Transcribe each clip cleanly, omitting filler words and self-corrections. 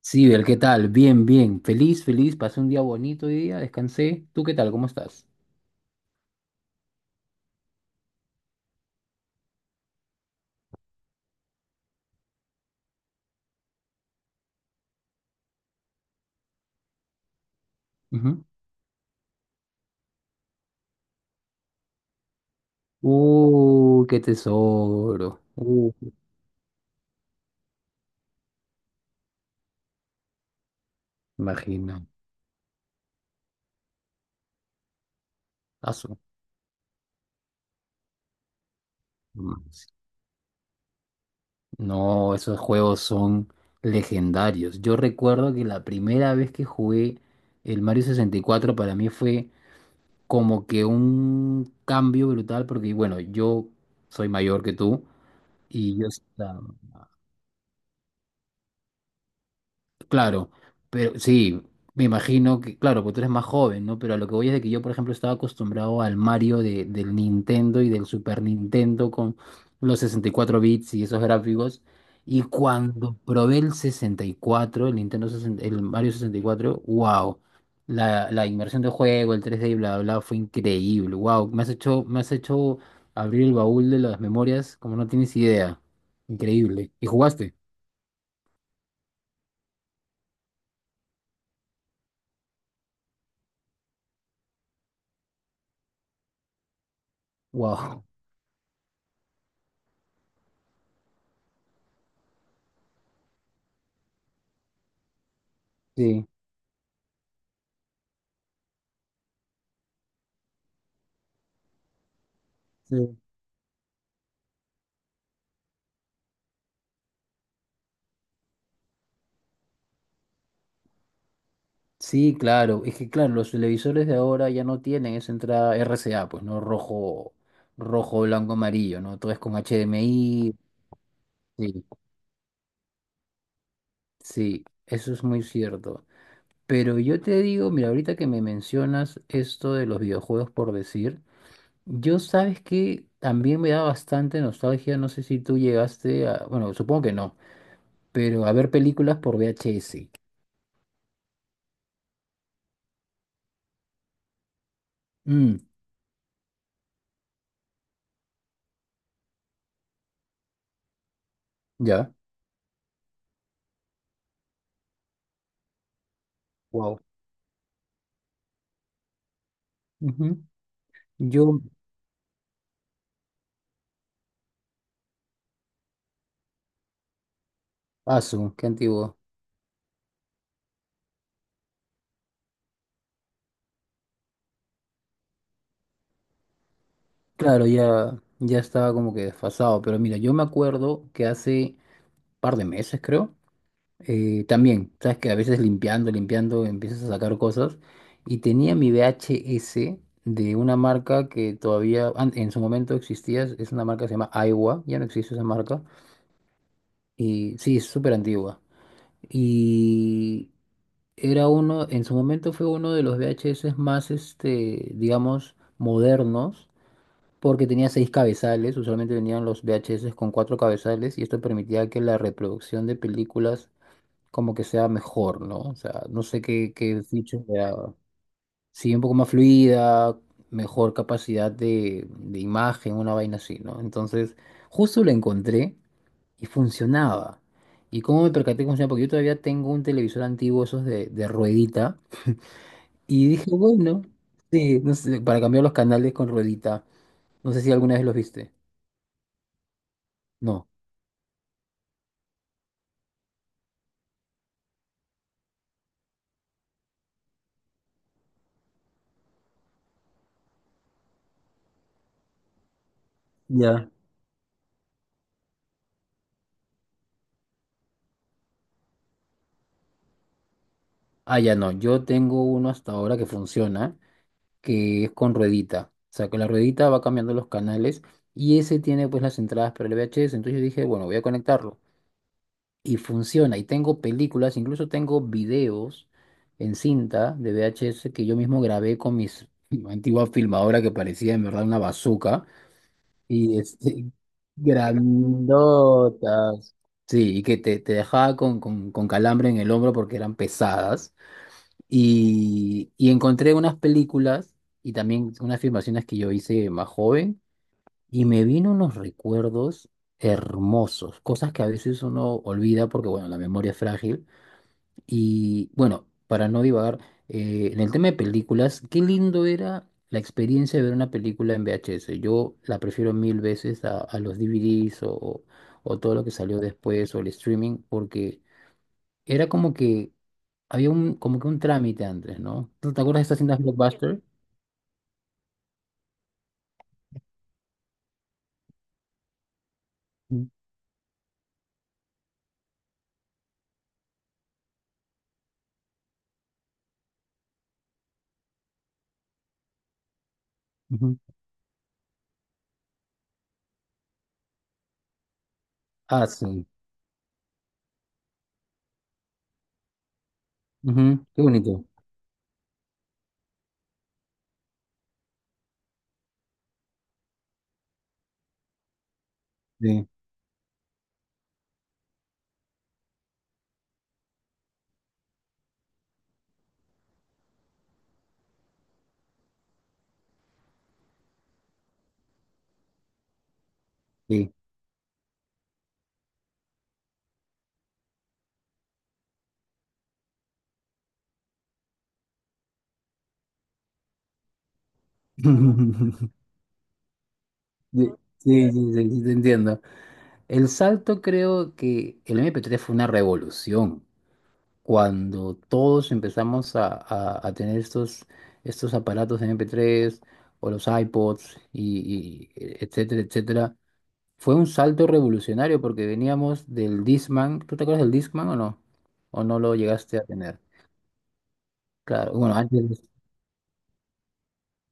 Sí, Bel, ¿qué tal? Bien, bien. Feliz, feliz. Pasé un día bonito hoy día, descansé. ¿Tú qué tal? ¿Cómo estás? Ujú. Qué tesoro. Imagino. Asu. Mm. No, esos juegos son legendarios. Yo recuerdo que la primera vez que jugué el Mario 64 para mí fue como que un cambio brutal porque, bueno, yo soy mayor que tú y yo estaba... Claro, pero sí, me imagino que, claro, porque tú eres más joven, ¿no? Pero a lo que voy es de que yo, por ejemplo, estaba acostumbrado al Mario del Nintendo y del Super Nintendo con los 64 bits y esos gráficos. Y cuando probé el 64, el Nintendo 60, el Mario 64, wow, la inmersión de juego, el 3D y bla, bla, bla, fue increíble, wow, me has hecho abrir el baúl de las memorias como no tienes idea, increíble. ¿Y jugaste? Wow, sí. Sí. Sí, claro. Es que claro, los televisores de ahora ya no tienen esa entrada RCA, pues, ¿no? Rojo, rojo, blanco, amarillo, ¿no? Todo es con HDMI. Sí, sí, eso es muy cierto. Pero yo te digo, mira, ahorita que me mencionas esto de los videojuegos por decir, yo sabes que también me da bastante nostalgia, no sé si tú llegaste a, bueno, supongo que no, pero a ver películas por VHS. Mm, ya. Wow. Ujú. Yo, asu, qué antiguo. Claro, ya, ya estaba como que desfasado, pero mira, yo me acuerdo que hace par de meses, creo, también, sabes que a veces limpiando, limpiando, empiezas a sacar cosas, y tenía mi VHS de una marca que todavía en su momento existía, es una marca que se llama Aiwa, ya no existe esa marca, y sí, es súper antigua, y era uno, en su momento fue uno de los VHS más, este, digamos, modernos porque tenía seis cabezales, usualmente venían los VHS con cuatro cabezales y esto permitía que la reproducción de películas como que sea mejor, ¿no? O sea, no sé qué feature le daba. Sí, un poco más fluida, mejor capacidad de imagen, una vaina así, ¿no? Entonces, justo la encontré y funcionaba. ¿Y cómo me percaté que funcionaba? Porque yo todavía tengo un televisor antiguo, esos de ruedita, y dije, bueno, sí, no sé, para cambiar los canales con ruedita. No sé si alguna vez los viste. No. Ya. Ah, ya no. Yo tengo uno hasta ahora que funciona, que es con ruedita. O sea, que la ruedita va cambiando los canales y ese tiene pues las entradas para el VHS. Entonces yo dije, bueno, voy a conectarlo. Y funciona. Y tengo películas, incluso tengo videos en cinta de VHS que yo mismo grabé con mis antigua filmadora que parecía en verdad una bazooka. Y este, grandotas. Sí, y que te dejaba con calambre en el hombro porque eran pesadas. Y encontré unas películas y también unas filmaciones que yo hice más joven y me vino unos recuerdos hermosos, cosas que a veces uno olvida porque, bueno, la memoria es frágil. Y bueno, para no divagar, en el tema de películas, qué lindo era la experiencia de ver una película en VHS. Yo la prefiero mil veces a los DVDs o todo lo que salió después o el streaming porque era como que había un, como que un trámite antes, ¿no? ¿Tú te acuerdas de estas cintas Blockbuster? Mm, ujú. Ah, sí. Ujú, qué bonito. Sí, sí. Sí, sí, sí, sí, sí, te entiendo. El salto creo que el MP3 fue una revolución. Cuando todos empezamos a tener estos aparatos de MP3 o los iPods, y etcétera, etcétera. Fue un salto revolucionario porque veníamos del Discman. ¿Tú te acuerdas del Discman o no? ¿O no lo llegaste a tener? Claro, bueno, antes,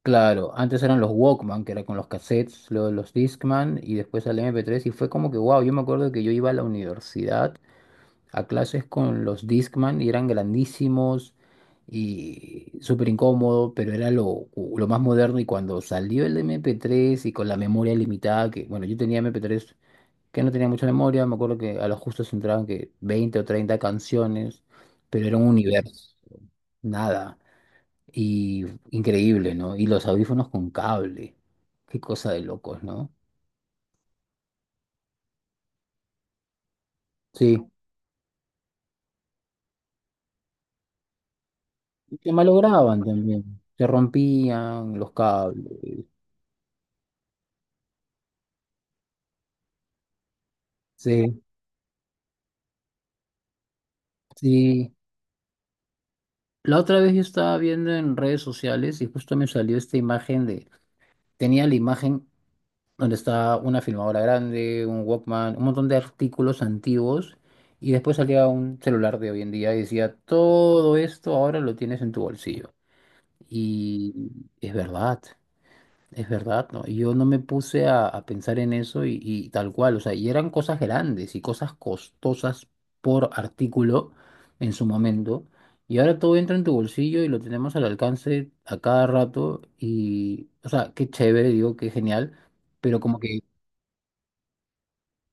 claro, antes eran los Walkman, que era con los cassettes, luego los Discman y después al MP3 y fue como que, wow, yo me acuerdo que yo iba a la universidad a clases con los Discman y eran grandísimos y súper incómodo, pero era lo más moderno y cuando salió el MP3 y con la memoria limitada, que bueno, yo tenía MP3 que no tenía mucha memoria, me acuerdo que a lo justo se entraban que 20 o 30 canciones, pero era un universo, nada, y increíble, ¿no? Y los audífonos con cable, qué cosa de locos, ¿no? Sí, y se malograban también, se rompían los cables, sí, sí. La otra vez yo estaba viendo en redes sociales y justo me salió esta imagen de, tenía la imagen donde está una filmadora grande, un Walkman, un montón de artículos antiguos, y después salía un celular de hoy en día y decía, todo esto ahora lo tienes en tu bolsillo. Y es verdad, es verdad, ¿no? Y yo no me puse a pensar en eso y tal cual, o sea, y eran cosas grandes y cosas costosas por artículo en su momento. Y ahora todo entra en tu bolsillo y lo tenemos al alcance a cada rato y, o sea, qué chévere, digo, qué genial, pero como que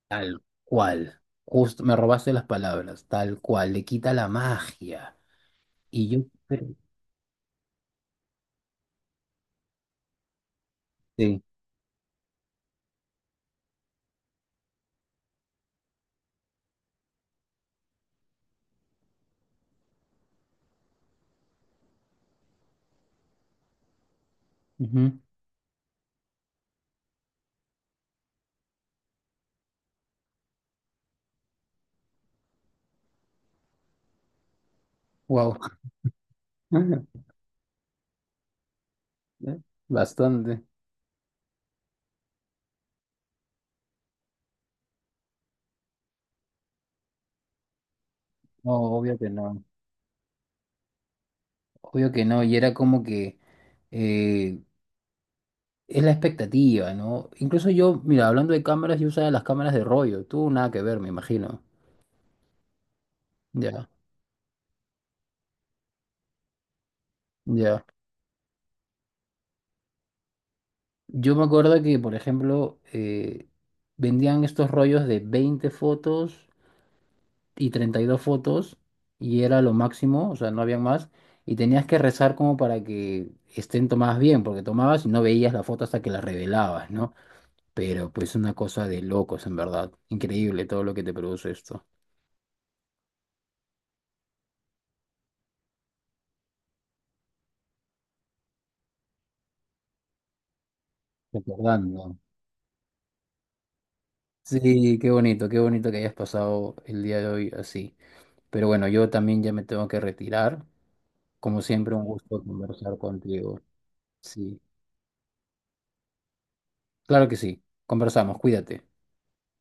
Tal cual. Justo me robaste las palabras. Tal cual. Le quita la magia. Y yo creo que wow. Bastante. No, obvio que no. Obvio que no. Y era como que eh, es la expectativa, ¿no? Incluso yo, mira, hablando de cámaras, yo usaba las cámaras de rollo. Tú nada que ver, me imagino. Ya, ya. Yo me acuerdo que, por ejemplo, vendían estos rollos de 20 fotos y 32 fotos y era lo máximo, o sea, no habían más. Y tenías que rezar como para que estén tomadas bien, porque tomabas y no veías la foto hasta que la revelabas, ¿no? Pero pues una cosa de locos, en verdad. Increíble todo lo que te produce esto. Recordando. Sí, qué bonito que hayas pasado el día de hoy así. Pero bueno, yo también ya me tengo que retirar. Como siempre, un gusto conversar contigo. Sí, claro que sí. Conversamos, cuídate.